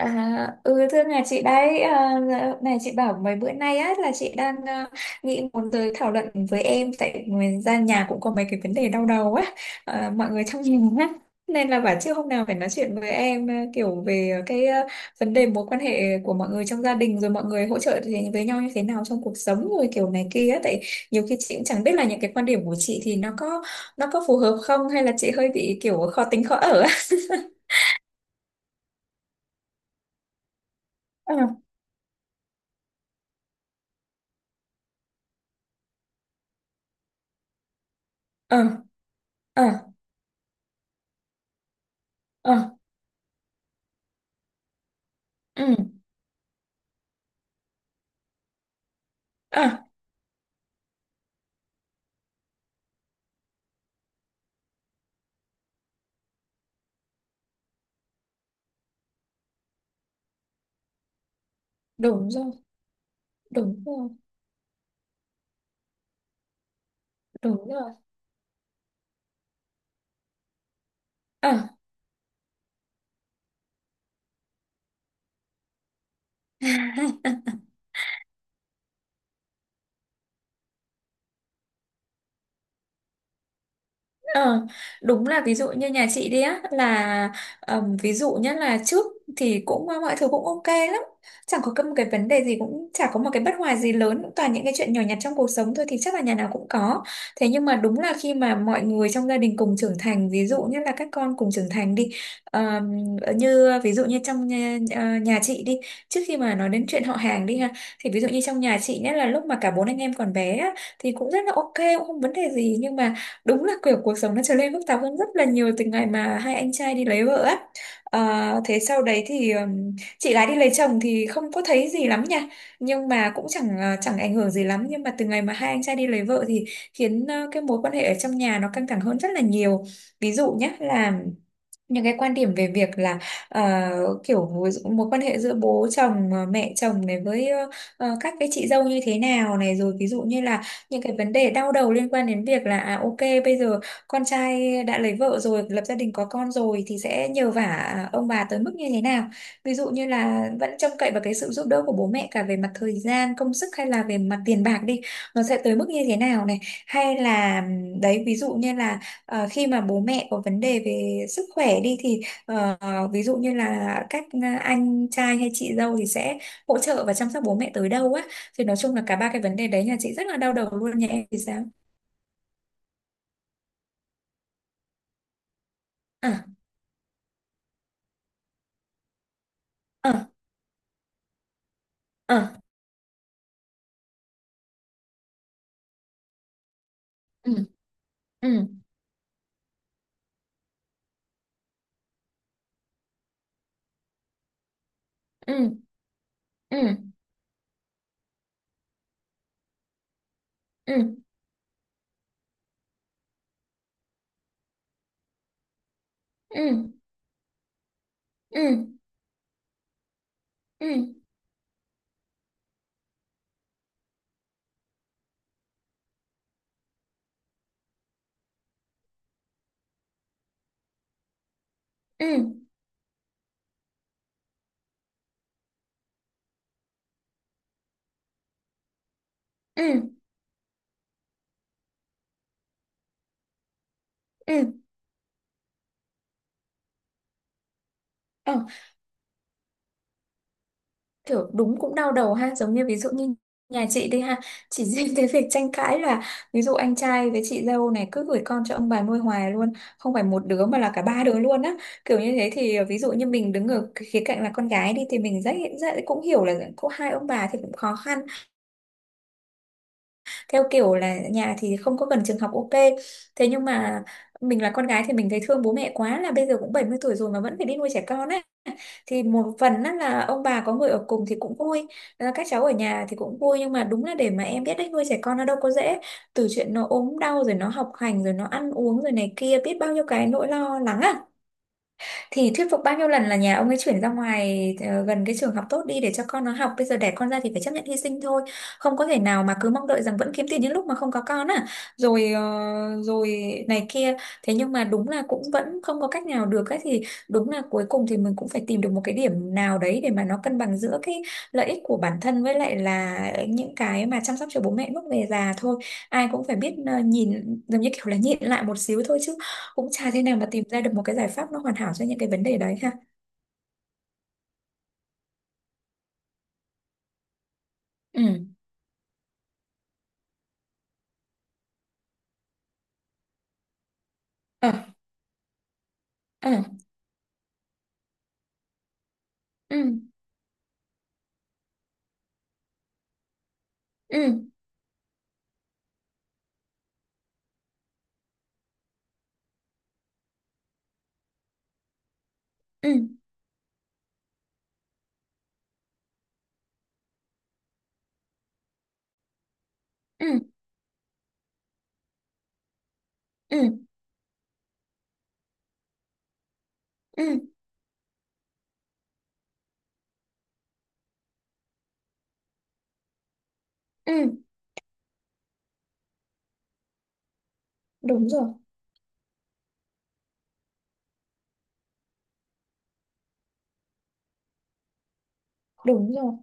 À, ừ thưa nhà chị đấy à? Dạ, này chị bảo mấy bữa nay á là chị đang nghĩ muốn tới thảo luận với em, tại người ra nhà cũng có mấy cái vấn đề đau đầu á, mọi người trong nhà á, nên là bảo trước hôm nào phải nói chuyện với em, kiểu về cái, vấn đề mối quan hệ của mọi người trong gia đình, rồi mọi người hỗ trợ thì với nhau như thế nào trong cuộc sống rồi kiểu này kia á, tại nhiều khi chị cũng chẳng biết là những cái quan điểm của chị thì nó có phù hợp không, hay là chị hơi bị kiểu khó tính khó ở á. Ờ, ờ, ờ, ờ, ừ, ờ. Đúng rồi, đúng rồi, đúng rồi. Ờ. Ờ, đúng là ví dụ như nhà chị đi á, là ví dụ nhất là trước thì cũng mọi thứ cũng ok lắm, chẳng có một cái vấn đề gì, cũng chả có một cái bất hòa gì lớn, cũng toàn những cái chuyện nhỏ nhặt trong cuộc sống thôi thì chắc là nhà nào cũng có. Thế nhưng mà đúng là khi mà mọi người trong gia đình cùng trưởng thành, ví dụ như là các con cùng trưởng thành đi, ờm, như ví dụ như trong nhà chị đi, trước khi mà nói đến chuyện họ hàng đi ha, thì ví dụ như trong nhà chị, nhất là lúc mà cả bốn anh em còn bé á, thì cũng rất là ok, cũng không vấn đề gì. Nhưng mà đúng là kiểu cuộc sống nó trở nên phức tạp hơn rất là nhiều từ ngày mà hai anh trai đi lấy vợ á. Ờ, thế sau đấy thì chị gái đi lấy chồng thì không có thấy gì lắm nha, nhưng mà cũng chẳng ảnh hưởng gì lắm. Nhưng mà từ ngày mà hai anh trai đi lấy vợ thì khiến cái mối quan hệ ở trong nhà nó căng thẳng hơn rất là nhiều. Ví dụ nhé, là những cái quan điểm về việc là, kiểu ví dụ mối quan hệ giữa bố chồng, mẹ chồng này với các cái chị dâu như thế nào này, rồi ví dụ như là những cái vấn đề đau đầu liên quan đến việc là, ok, bây giờ con trai đã lấy vợ rồi, lập gia đình có con rồi, thì sẽ nhờ vả, ông bà tới mức như thế nào. Ví dụ như là vẫn trông cậy vào cái sự giúp đỡ của bố mẹ cả về mặt thời gian công sức, hay là về mặt tiền bạc đi, nó sẽ tới mức như thế nào này. Hay là, đấy, ví dụ như là, ờ, khi mà bố mẹ có vấn đề về sức khỏe đi, thì ờ, ví dụ như là các anh trai hay chị dâu thì sẽ hỗ trợ và chăm sóc bố mẹ tới đâu á. Thì nói chung là cả ba cái vấn đề đấy nhà chị rất là đau đầu luôn. Nhà em thì sao? À, à, à. ừ, ừ, ừ, ừ, ừ, ừ, ừ, ừ, ừ, ừ, ừ, ừ. Ừ, kiểu đúng cũng đau đầu ha. Giống như ví dụ như nhà chị đi ha, chỉ riêng cái việc tranh cãi là ví dụ anh trai với chị dâu này cứ gửi con cho ông bà nuôi hoài luôn, không phải một đứa mà là cả ba đứa luôn á. Kiểu như thế thì ví dụ như mình đứng ở cái khía cạnh là con gái đi, thì mình rất, rất cũng hiểu là có hai ông bà thì cũng khó khăn, theo kiểu là nhà thì không có cần trường học ok. Thế nhưng mà mình là con gái thì mình thấy thương bố mẹ quá, là bây giờ cũng 70 tuổi rồi mà vẫn phải đi nuôi trẻ con á. Thì một phần á là ông bà có người ở cùng thì cũng vui. Ờ, các cháu ở nhà thì cũng vui, nhưng mà đúng là để mà em biết đấy, nuôi trẻ con nó đâu có dễ. Từ chuyện nó ốm đau rồi nó học hành rồi nó ăn uống rồi này kia, biết bao nhiêu cái nỗi lo lắng á. Thì thuyết phục bao nhiêu lần là nhà ông ấy chuyển ra ngoài, gần cái trường học tốt đi để cho con nó học. Bây giờ đẻ con ra thì phải chấp nhận hy sinh thôi, không có thể nào mà cứ mong đợi rằng vẫn kiếm tiền những lúc mà không có con à. Rồi rồi này kia. Thế nhưng mà đúng là cũng vẫn không có cách nào được ấy, thì đúng là cuối cùng thì mình cũng phải tìm được một cái điểm nào đấy để mà nó cân bằng giữa cái lợi ích của bản thân với lại là những cái mà chăm sóc cho bố mẹ lúc về già thôi. Ai cũng phải biết nhìn giống như kiểu là nhịn lại một xíu thôi, chứ cũng chả thế nào mà tìm ra được một cái giải pháp nó hoàn hảo cho những cái vấn đề đấy ha. Ừ, ờ, ờ, ừ, ừ, ừ, ừ, ừ, ừ, ừ. Đúng rồi, đúng rồi.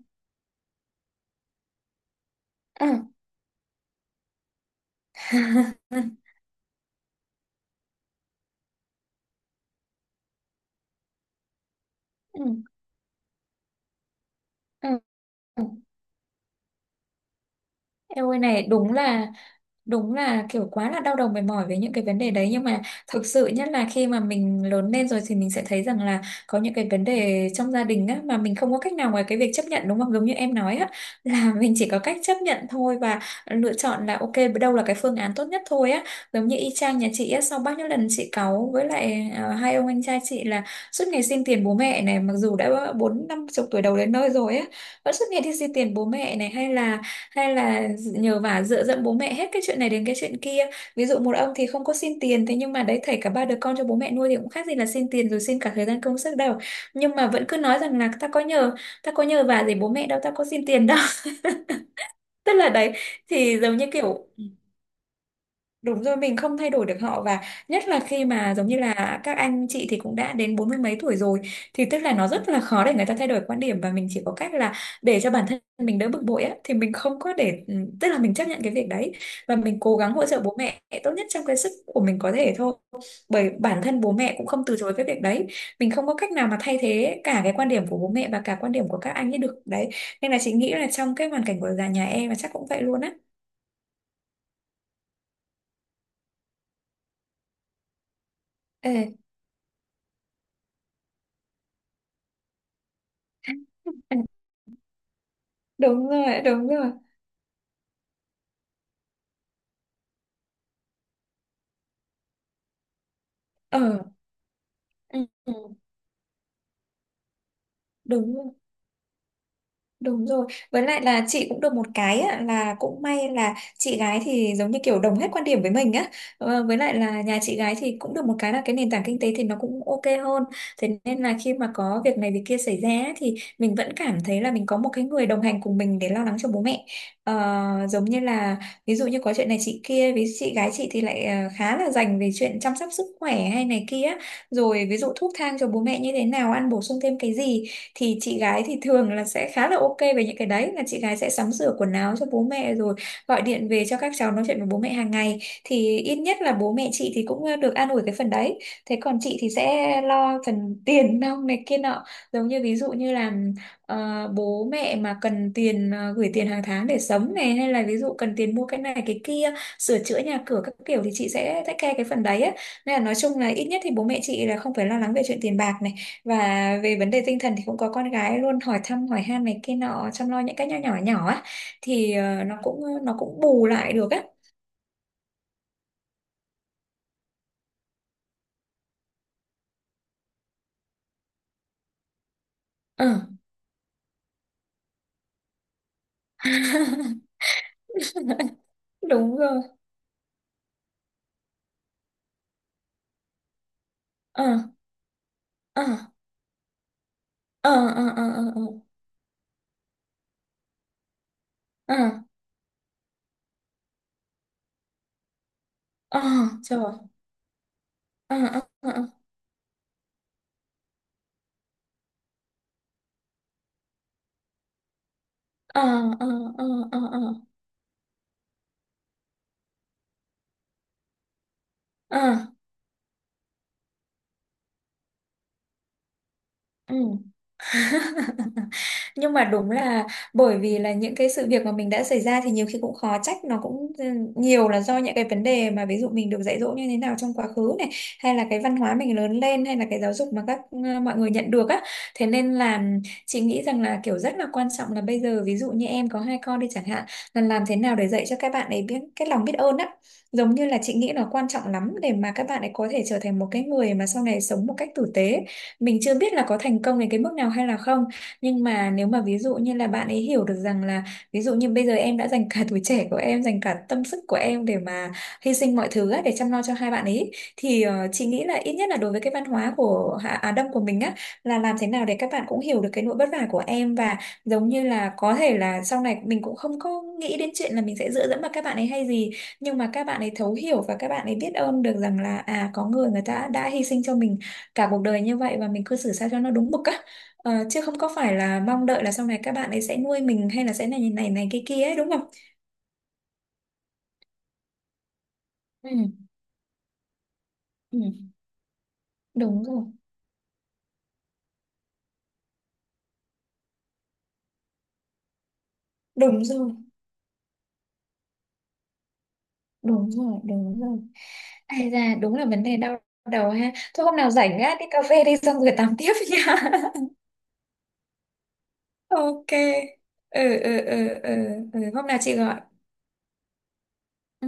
Ờ. Ừ, ừ, ừ. Em ơi này, đúng là kiểu quá là đau đầu mệt mỏi với những cái vấn đề đấy, nhưng mà thực sự nhất là khi mà mình lớn lên rồi thì mình sẽ thấy rằng là có những cái vấn đề trong gia đình á mà mình không có cách nào ngoài cái việc chấp nhận, đúng không? Giống như em nói á, là mình chỉ có cách chấp nhận thôi, và lựa chọn là ok, đâu là cái phương án tốt nhất thôi á. Giống như y chang nhà chị á, sau bao nhiêu lần chị cáu với lại hai ông anh trai chị là suốt ngày xin tiền bố mẹ này, mặc dù đã bốn năm chục tuổi đầu đến nơi rồi á, vẫn suốt ngày đi xin tiền bố mẹ này, hay là nhờ vả dựa dẫm bố mẹ hết cái chuyện này đến cái chuyện kia. Ví dụ một ông thì không có xin tiền, thế nhưng mà đấy, thảy cả ba đứa con cho bố mẹ nuôi thì cũng khác gì là xin tiền rồi, xin cả thời gian công sức đâu. Nhưng mà vẫn cứ nói rằng là ta có nhờ vả gì bố mẹ đâu, ta có xin tiền đâu. Tức là đấy, thì giống như kiểu, đúng rồi, mình không thay đổi được họ, và nhất là khi mà giống như là các anh chị thì cũng đã đến bốn mươi mấy tuổi rồi, thì tức là nó rất là khó để người ta thay đổi quan điểm, và mình chỉ có cách là để cho bản thân mình đỡ bực bội á, thì mình không có tức là mình chấp nhận cái việc đấy, và mình cố gắng hỗ trợ bố mẹ tốt nhất trong cái sức của mình có thể thôi. Bởi bản thân bố mẹ cũng không từ chối cái việc đấy. Mình không có cách nào mà thay thế cả cái quan điểm của bố mẹ và cả quan điểm của các anh ấy được đấy. Nên là chị nghĩ là trong cái hoàn cảnh của già nhà em là chắc cũng vậy luôn á. Ê. Đúng rồi, đúng rồi. Ờ. Ừ, ừ. Đúng rồi. Đúng rồi. Với lại là chị cũng được một cái á, là cũng may là chị gái thì giống như kiểu đồng hết quan điểm với mình á. Ờ, với lại là nhà chị gái thì cũng được một cái là cái nền tảng kinh tế thì nó cũng ok hơn. Thế nên là khi mà có việc này việc kia xảy ra á, thì mình vẫn cảm thấy là mình có một cái người đồng hành cùng mình để lo lắng cho bố mẹ. Ờ, giống như là ví dụ như có chuyện này chị kia, với chị gái chị thì lại khá là dành về chuyện chăm sóc sức khỏe hay này kia. Rồi ví dụ thuốc thang cho bố mẹ như thế nào, ăn bổ sung thêm cái gì thì chị gái thì thường là sẽ khá là ok về những cái đấy, là chị gái sẽ sắm sửa quần áo cho bố mẹ rồi gọi điện về cho các cháu nói chuyện với bố mẹ hàng ngày. Thì ít nhất là bố mẹ chị thì cũng được an ủi cái phần đấy. Thế còn chị thì sẽ lo phần tiền nong này kia nọ, giống như ví dụ như là bố mẹ mà cần tiền, gửi tiền hàng tháng để sống này, hay là ví dụ cần tiền mua cái này cái kia sửa chữa nhà cửa các kiểu thì chị sẽ take care cái phần đấy ấy. Nên là nói chung là ít nhất thì bố mẹ chị là không phải lo lắng về chuyện tiền bạc này, và về vấn đề tinh thần thì cũng có con gái luôn hỏi thăm hỏi han này kia nọ, chăm lo những cái nhỏ nhỏ nhỏ á, thì nó cũng bù lại được á. Ờ. Đúng rồi. Ờ, ờ, ờ, ờ, ờ, ờ, ờ, ờ, ờ, trời, ờ, ờ, ờ, ờ, ờ, ờ, ờ, ờ, ờ, ờ, ờ, ờ, ừ. Nhưng mà đúng là bởi vì là những cái sự việc mà mình đã xảy ra thì nhiều khi cũng khó trách, nó cũng nhiều là do những cái vấn đề mà ví dụ mình được dạy dỗ như thế nào trong quá khứ này, hay là cái văn hóa mình lớn lên, hay là cái giáo dục mà các mọi người nhận được á. Thế nên là chị nghĩ rằng là kiểu rất là quan trọng, là bây giờ ví dụ như em có hai con đi chẳng hạn, là làm thế nào để dạy cho các bạn ấy biết cái lòng biết ơn á, giống như là chị nghĩ là quan trọng lắm để mà các bạn ấy có thể trở thành một cái người mà sau này sống một cách tử tế. Mình chưa biết là có thành công đến cái mức nào hay là không, nhưng mà nếu mà ví dụ như là bạn ấy hiểu được rằng là ví dụ như bây giờ em đã dành cả tuổi trẻ của em, dành cả tâm sức của em để mà hy sinh mọi thứ á, để chăm lo cho hai bạn ấy, thì chị nghĩ là ít nhất là đối với cái văn hóa của Á Đông của mình á, là làm thế nào để các bạn cũng hiểu được cái nỗi vất vả của em, và giống như là có thể là sau này mình cũng không có nghĩ đến chuyện là mình sẽ dựa dẫm vào các bạn ấy hay gì, nhưng mà các bạn ấy thấu hiểu và các bạn ấy biết ơn được rằng là à có người người ta đã hy sinh cho mình cả cuộc đời như vậy, và mình cư xử sao cho nó đúng mực á. Ờ, chứ không có phải là mong đợi là sau này các bạn ấy sẽ nuôi mình hay là sẽ này này này kia kia ấy, đúng không? Ừ, ừ, đúng rồi, đúng rồi, đúng rồi, đúng rồi. Ai ra đúng là vấn đề đau đầu ha. Thôi hôm nào rảnh á đi cà phê đi xong rồi tám tiếp nha. Ok. Ừ, ừ, ừ, ừ, ừ. Hôm nào chị gọi. Ừ.